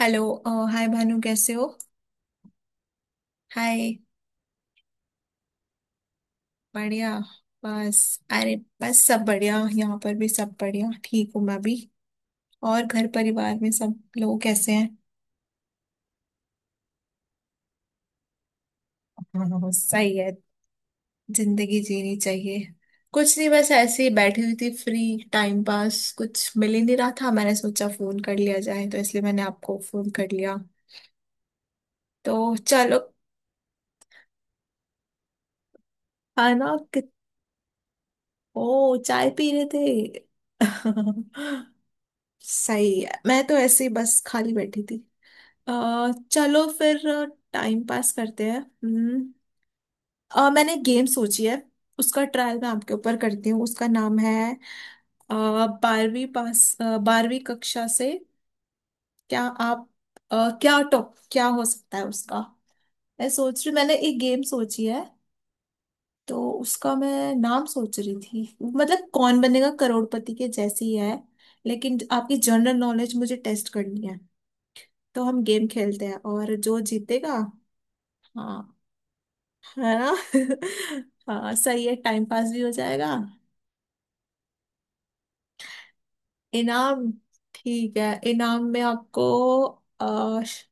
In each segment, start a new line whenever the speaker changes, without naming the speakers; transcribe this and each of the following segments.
Hello hi Bhanu कैसे हो। Hi. बढ़िया। बस। अरे, बस सब बढ़िया, यहाँ पर भी सब बढ़िया, ठीक हूँ मैं भी। और घर परिवार में सब लोग कैसे हैं? हाँ, हाँ, सही है। जिंदगी जीनी चाहिए। कुछ नहीं, बस ऐसे ही बैठी हुई थी, फ्री टाइम पास कुछ मिल ही नहीं रहा था, मैंने सोचा फोन कर लिया जाए तो इसलिए मैंने आपको फोन कर लिया। तो चलो। खाना कि... ओ, चाय पी रहे थे। सही है, मैं तो ऐसे ही बस खाली बैठी थी। अ, चलो फिर। टाइम पास करते हैं। हम्म। मैंने गेम सोची है। उसका ट्रायल मैं आपके ऊपर करती हूँ। उसका नाम है। अ, बारहवीं कक्षा से। क्या आप। क्या टॉप क्या हो सकता है उसका। मैं सोच रही, मैंने एक गेम सोची है। तो उसका मैं नाम सोच रही थी, मतलब कौन बनेगा करोड़पति के जैसी है। लेकिन आपकी जनरल नॉलेज मुझे टेस्ट करनी है। तो हम गेम खेलते हैं और जो जीतेगा। हाँ। है ना। हाँ, सही है, टाइम पास भी हो जाएगा। इनाम। ठीक है, इनाम में आपको। अ, श-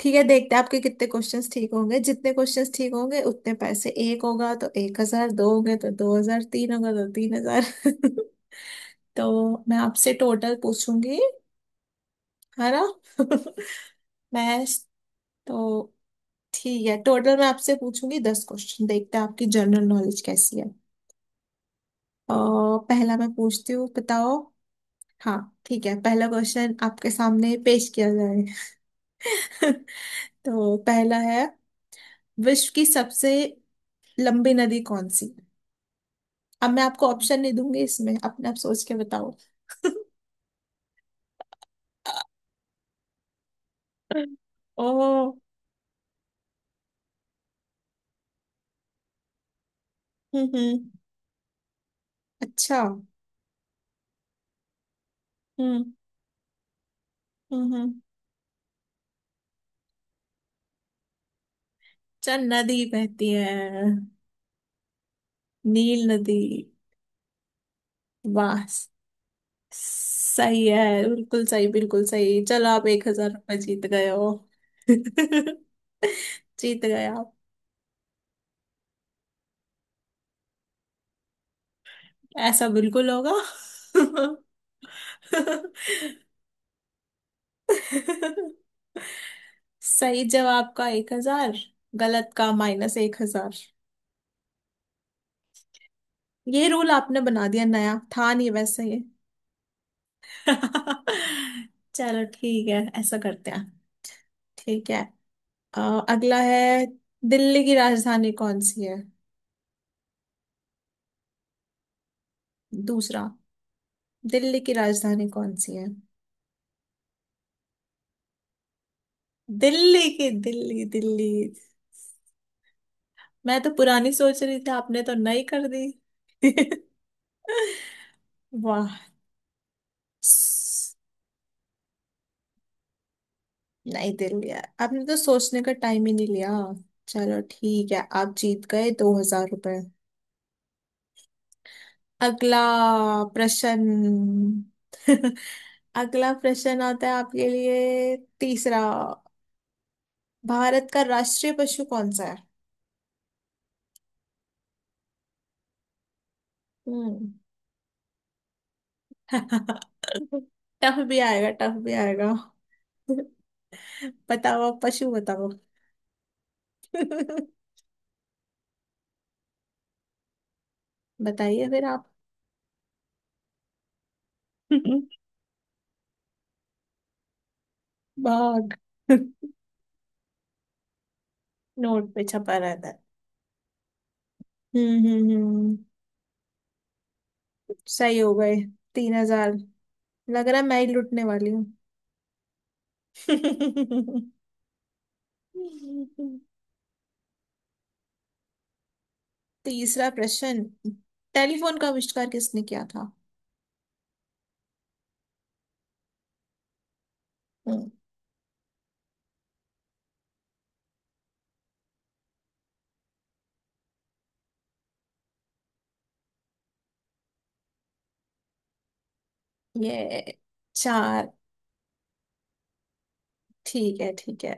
ठीक है, देखते हैं आपके कितने क्वेश्चंस ठीक होंगे, जितने क्वेश्चंस ठीक होंगे उतने पैसे। एक होगा तो 1,000, दो होंगे तो 2,000, तीन होगा तो 3,000। तो मैं आपसे टोटल पूछूंगी। है ना। मैं स- तो ठीक है, टोटल मैं आपसे पूछूंगी 10 क्वेश्चन, देखते हैं आपकी जनरल नॉलेज कैसी है। अ, पहला मैं पूछती हूँ, बताओ। हाँ, ठीक है, पहला क्वेश्चन आपके सामने पेश किया जाए। तो पहला है, विश्व की सबसे लंबी नदी कौन सी है? अब मैं आपको ऑप्शन नहीं दूंगी, इसमें अपने आप सोच के बताओ। ओ। हम्म, अच्छा। हम्म, हम्म, चल नदी बहती है। नील नदी। वाह! सही है, बिल्कुल सही, बिल्कुल सही। चलो, आप 1,000 रुपये जीत गए हो। जीत गए आप। ऐसा बिल्कुल होगा। सही जवाब का 1,000, गलत का माइनस 1,000। ये रूल आपने बना दिया नया, था नहीं वैसे ये। चलो ठीक है, ऐसा करते हैं। ठीक है। अ, अगला है। दिल्ली की राजधानी कौन सी है? दूसरा। दिल्ली की राजधानी कौन सी है? दिल्ली की दिल्ली, दिल्ली। मैं तो पुरानी सोच रही थी, आपने तो नई कर दी। वाह। नहीं, दिल लिया। आपने तो सोचने का टाइम ही नहीं लिया। चलो ठीक है, आप जीत गए 2,000 रुपये। अगला प्रश्न। अगला प्रश्न आता है आपके लिए, तीसरा। भारत का राष्ट्रीय पशु कौन सा है? हम्म। टफ भी आएगा, टफ भी आएगा। बताओ, आप पशु बताओ। बताइए फिर आप। बाघ। नोट पे छपा रहता है। हम्म, हम्म, हम्म, सही हो गए। 3,000। लग रहा है मैं ही लुटने वाली हूँ। तीसरा प्रश्न। टेलीफोन का आविष्कार किसने किया था? हम्म, ये। चार। ठीक है, ठीक है।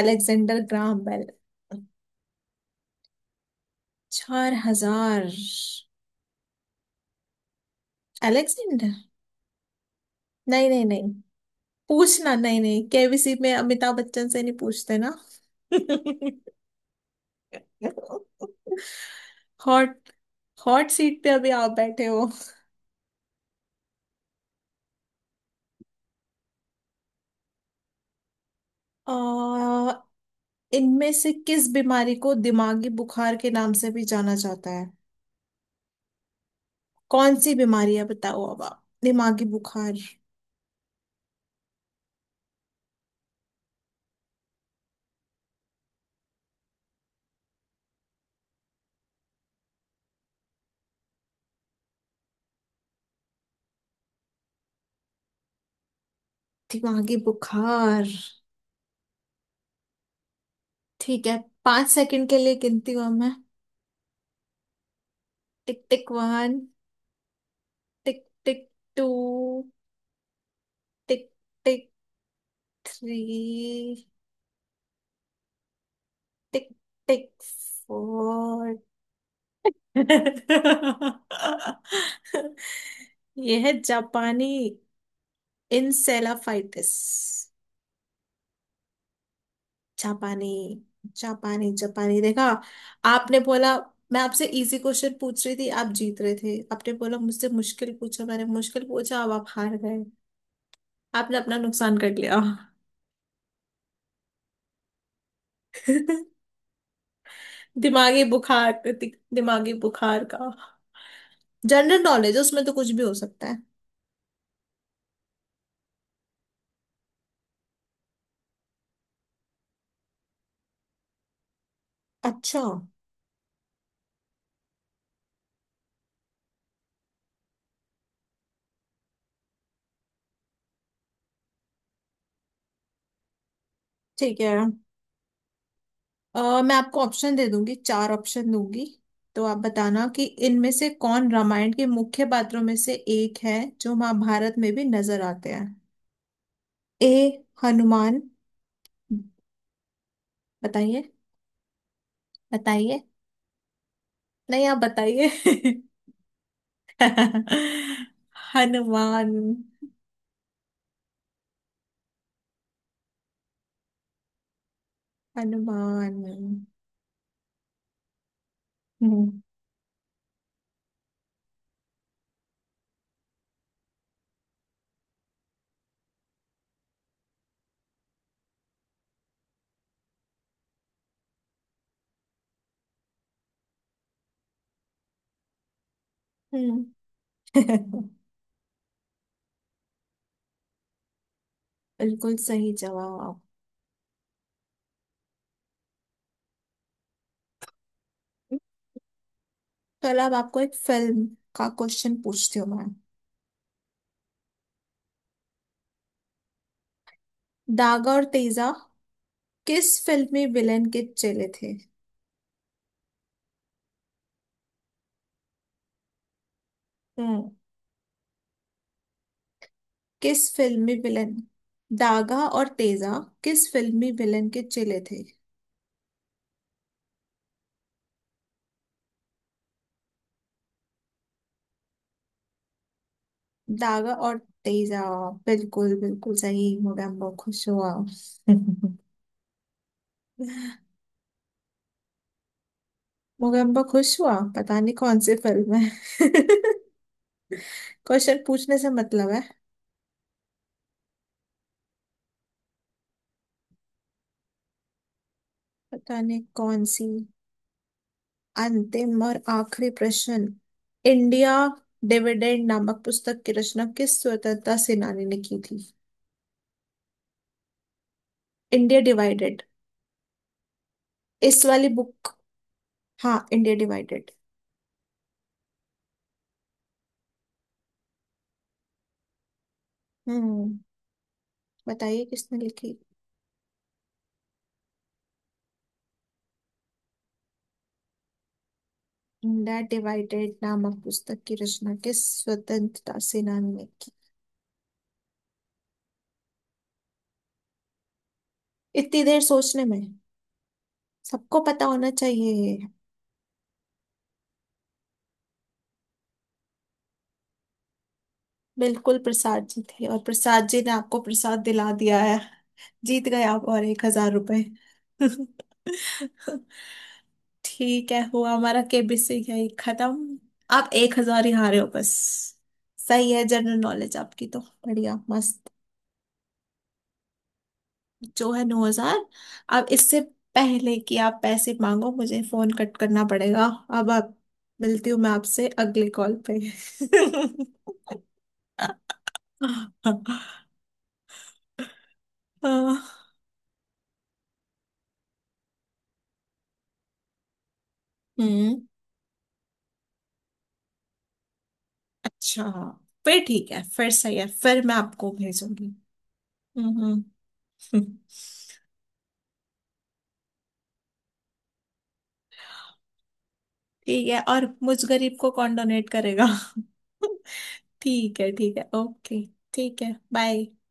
Alexander Graham bell. 4,000। अलेक्जेंडर। नहीं, नहीं, नहीं। पूछना नहीं, नहीं, केबीसी में अमिताभ बच्चन से नहीं पूछते ना। हॉट। हॉट सीट पे अभी आप बैठे हो। आ, इनमें से किस बीमारी को दिमागी बुखार के नाम से भी जाना जाता है? कौन सी बीमारी है, बताओ अब आप, दिमागी बुखार। दिमागी बुखार। ठीक है। 5 सेकंड के लिए गिनती हूँ मैं। Tick tick one. Tick tick two. Tick tick three. Tick tick four. यह है जापानी। इंसेलाफाइटिस। जापानी। जापानी, जापानी देखा। आपने बोला। मैं आपसे इजी क्वेश्चन पूछ रही थी, आप जीत रहे थे, आपने बोला मुझसे मुश्किल पूछा, मैंने मुश्किल पूछा, अब आप हार गए। आपने अपना नुकसान कर लिया। दिमागी बुखार। दिमागी बुखार का। जनरल नॉलेज उसमें तो कुछ भी हो सकता है। अच्छा। ठीक है। मैं आपको ऑप्शन दे दूंगी, चार ऑप्शन दूंगी। तो आप बताना कि इनमें से कौन रामायण के मुख्य पात्रों में से एक है जो महाभारत में भी नजर आते हैं। ए। हनुमान। बताइए। बताइए। नहीं, आप बताइए। हनुमान। हनुमान। हम्म, हम्म। बिल्कुल सही जवाब। चलो, अब आपको एक फिल्म का क्वेश्चन पूछती हूँ मैं। दागा और तेजा किस फिल्म में विलेन के चेले थे? हम्म। किस फिल्मी विलन? दागा और तेजा। किस फिल्मी विलन के चेले थे? दागा और तेजा। बिल्कुल, बिल्कुल सही, मोगैम्बो खुश हुआ। मोगैम्बो खुश हुआ, पता नहीं कौन सी फिल्म है। क्वेश्चन पूछने से मतलब है। पता नहीं कौन सी। अंतिम और आखिरी प्रश्न। इंडिया डिविडेंड नामक पुस्तक की रचना किस स्वतंत्रता सेनानी ने की थी? India divided. इस वाली बुक। हाँ, इंडिया डिवाइडेड। हम्म। बताइए, किसने लिखी? इंडिया डिवाइडेड नामक पुस्तक की रचना किस स्वतंत्रता सेनानी ने की? इतनी देर सोचने में। सबको पता होना चाहिए। बिल्कुल, प्रसाद जी थे, और प्रसाद जी ने आपको प्रसाद दिला दिया है। जीत गए आप और 1,000 रुपए। ठीक है, हुआ हमारा केबीसी यही खत्म। आप एक हजार ही हारे हो बस। सही है, जनरल नॉलेज आपकी तो बढ़िया, मस्त। जो है 9,000। अब इससे पहले कि आप पैसे मांगो, मुझे फोन कट करना पड़ेगा। अब आप। मिलती हूँ मैं आपसे अगले कॉल पे। हम्म। अच्छा। फिर ठीक है, फिर सही है, फिर मैं आपको भेजूंगी। हम्म। ठीक है, और मुझ गरीब को कौन डोनेट करेगा? ठीक है, ठीक है, ओके। ठीक है, बाय।